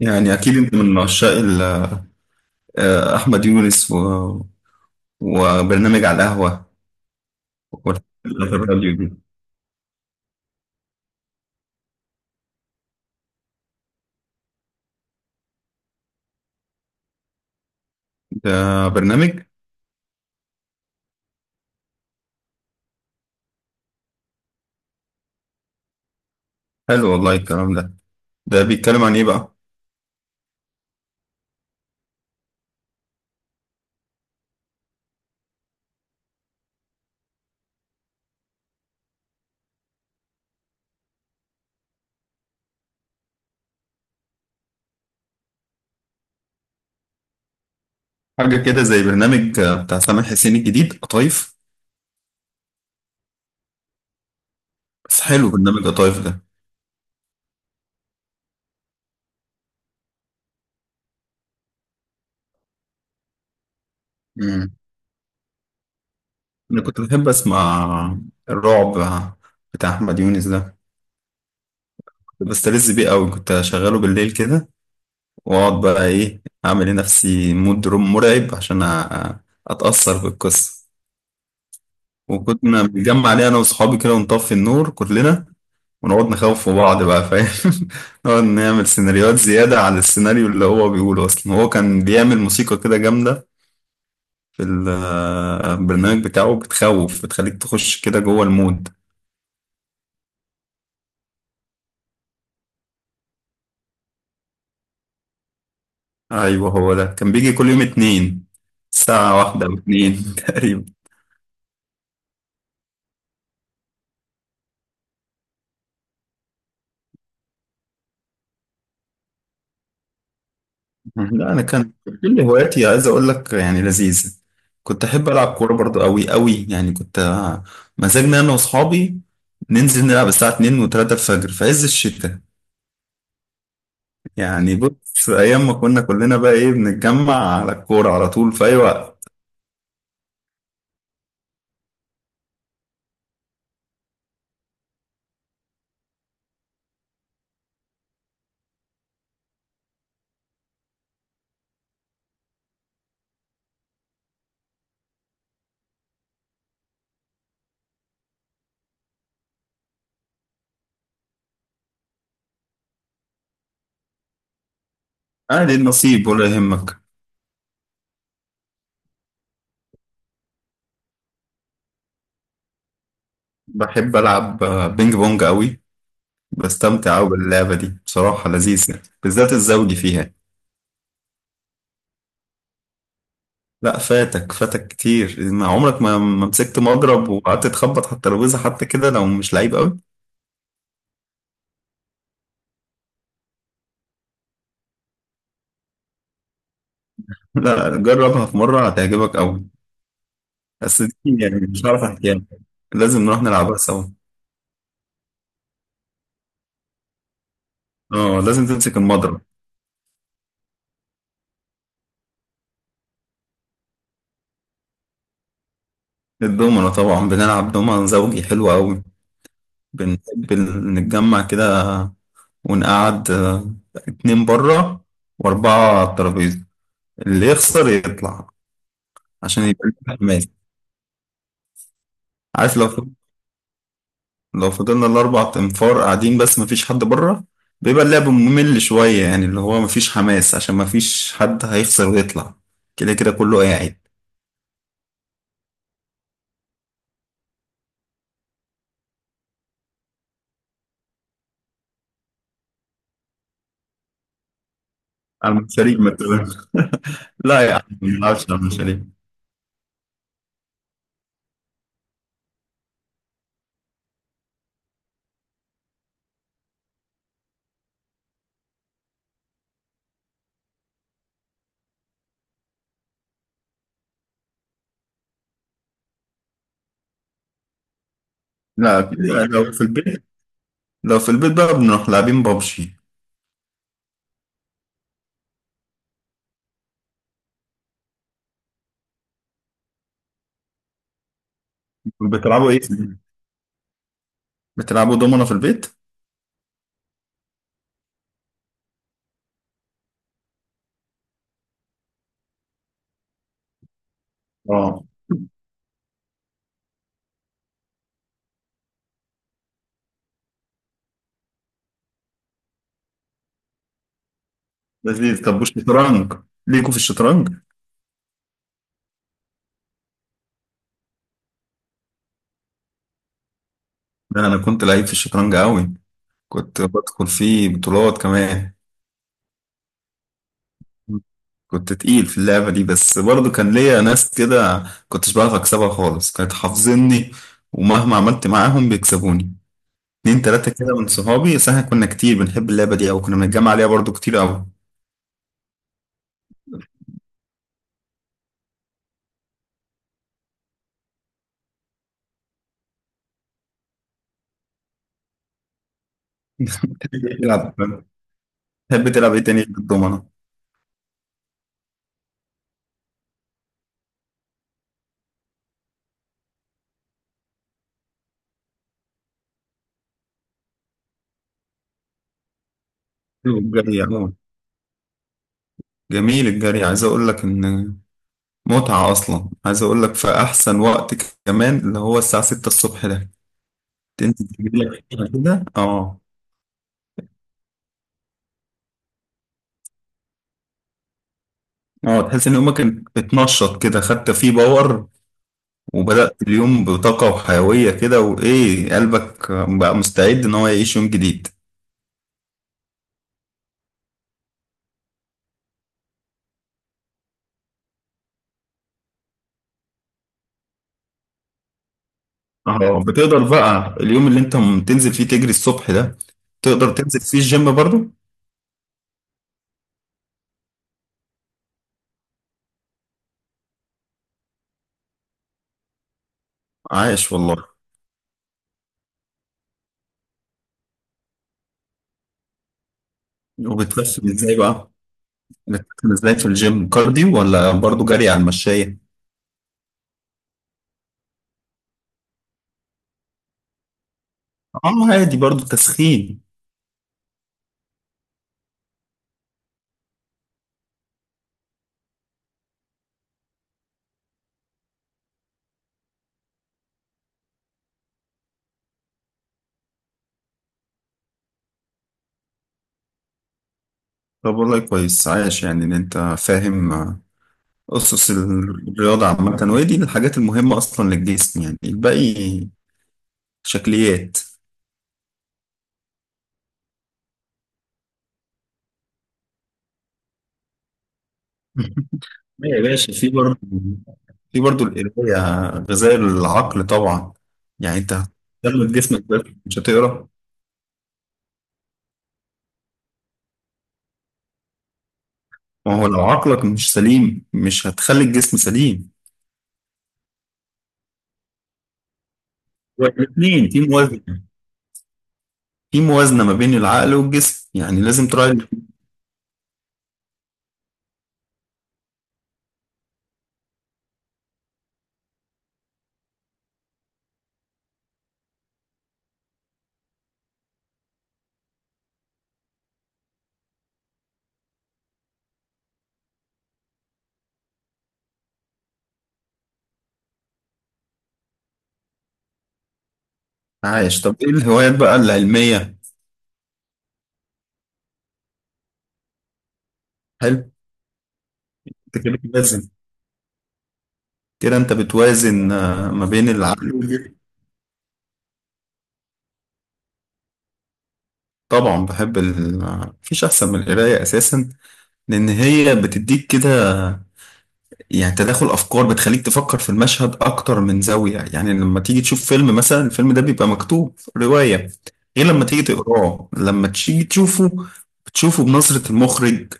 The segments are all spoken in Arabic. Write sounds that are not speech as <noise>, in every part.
يعني أكيد أنت من عشاق أحمد يونس وبرنامج على القهوة والحلقات الراديو دي. ده برنامج حلو، والله الكلام ده. ده بيتكلم عن إيه بقى؟ حاجة كده زي برنامج بتاع سامح حسين الجديد، قطايف. بس حلو برنامج قطايف ده. مم. أنا كنت بحب أسمع الرعب بتاع أحمد يونس ده. كنت بستلذ بيه أوي، كنت أشغله بالليل كده وأقعد بقى إيه، أعمل لنفسي مود روم مرعب عشان أتأثر بالقصة. وكنا بنتجمع عليه انا واصحابي كده ونطفي النور كلنا ونقعد نخوف في بعض بقى، فاهم؟ <laughs> نقعد نعمل سيناريوهات زيادة على السيناريو اللي هو بيقوله اصلا. هو كان بيعمل موسيقى كده جامدة في البرنامج بتاعه، بتخوف، بتخليك تخش كده جوه المود. ايوه، هو ده كان بيجي كل يوم اتنين ساعة واحدة او اتنين <laughs> تقريبا. لا، انا كان كل هواياتي، عايز اقول لك يعني لذيذه. كنت احب العب كوره برضو، قوي قوي يعني، كنت مزاجنا انا واصحابي ننزل نلعب الساعه 2 و3 الفجر في عز الشتاء. يعني بص، ايام ما كنا كلنا بقى ايه، بنتجمع على الكوره على طول في اي وقت. اهل النصيب ولا يهمك. بحب العب بينج بونج قوي، بستمتع قوي باللعبه دي، بصراحه لذيذه، بالذات الزوجي فيها. لا، فاتك فاتك كتير إن عمرك ما مسكت مضرب وقعدت تخبط على الترابيزه حتى كده، لو مش لعيب قوي. لا، جربها في مره هتعجبك قوي. بس دي يعني مش هعرف احكيها لك. لازم نروح نلعبها سوا. اه، لازم تمسك المضرب. الدومنة طبعا، بنلعب دومنة زوجي حلو قوي. بنحب نتجمع كده ونقعد اتنين بره واربعة على الترابيزة، اللي يخسر يطلع عشان يبقى لنا حماس. عارف لو في لو فضلنا الأربع أنفار قاعدين بس مفيش حد بره، بيبقى اللعب ممل شوية، يعني اللي هو مفيش حماس عشان مفيش حد هيخسر ويطلع، كده كده كله قاعد. على المشاريب ما تبقاش. <laughs> لا يا عم، ما بنلعبش على المشاريب. لا كده، لو في البيت بقى بنروح لاعبين بابجي. بتلعبوا ايه؟ بتلعبوا دومنا في البيت؟ اه، لذيذ. طب والشطرنج، ليكوا في الشطرنج؟ لا، أنا كنت لعيب في الشطرنج أوي، كنت بدخل فيه بطولات كمان. كنت تقيل في اللعبة دي، بس برضو كان ليا ناس كده كنتش بعرف أكسبها خالص، كانت حافظني ومهما عملت معاهم بيكسبوني. اتنين تلاتة كده من صحابي، بس احنا كنا كتير بنحب اللعبة دي أو كنا بنتجمع عليها برضو كتير أوي. <laughs> بتحب تلعب بتحب تلعب إيه تاني غير الضمنة؟ الجري عموما جميل. الجري عايز أقول لك إن متعة أصلا، عايز أقول لك في أحسن وقت كمان، اللي هو الساعة 6 الصبح ده، تنزل تجيب لك كده. اه، اه تحس ان يومك بتنشط كده، خدت فيه باور وبدأت اليوم بطاقة وحيوية كده، وايه، قلبك بقى مستعد ان هو يعيش يوم جديد. اه، بتقدر بقى اليوم اللي انت تنزل فيه تجري الصبح ده، تقدر تنزل فيه الجيم برضو؟ عايش والله. وبتخسر ازاي بقى، بتخسر ازاي في الجيم، كارديو ولا برضو جري على المشاية؟ اه، عادي برضو تسخين. طب والله كويس، عايش يعني ان انت فاهم أسس الرياضة عامة، وهي دي الحاجات المهمة أصلا للجسم، يعني الباقي شكليات. <laughs> يا باشا، في برضه، في برضه القراية غذاء العقل طبعا. يعني أنت هتهتم بجسمك بس مش هتقرا؟ ما هو لو عقلك مش سليم مش هتخلي الجسم سليم. والاثنين في موازنة ما بين العقل والجسم، يعني لازم تراعي الاتنين. عايش. طب إيه الهوايات بقى العلمية؟ حلو. أنت كده بتوازن كده أنت بتوازن ما بين العقل والجسم. طبعا بحب مفيش أحسن من القراية أساسا. لأن هي بتديك كده يعني تداخل أفكار، بتخليك تفكر في المشهد أكتر من زاوية. يعني لما تيجي تشوف فيلم مثلا، الفيلم ده بيبقى مكتوب رواية. غير لما تيجي تقراه، لما تيجي تشوفه، بتشوفه بنظرة المخرج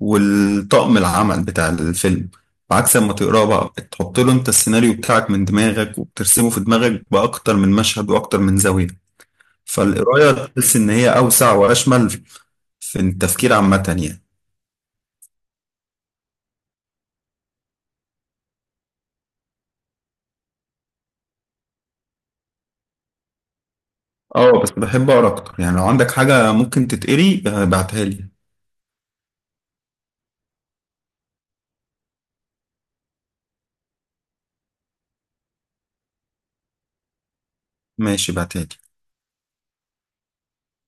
والطاقم العمل بتاع الفيلم. عكس لما تقراه بقى، بتحط له أنت السيناريو بتاعك من دماغك وبترسمه في دماغك بأكتر من مشهد وأكتر من زاوية. فالقراية تحس إن هي أوسع وأشمل في التفكير عامة، يعني. اه، بس بحب اقرا اكتر، يعني لو عندك حاجة ممكن تتقري بعتها لي. ماشي، بعتها لي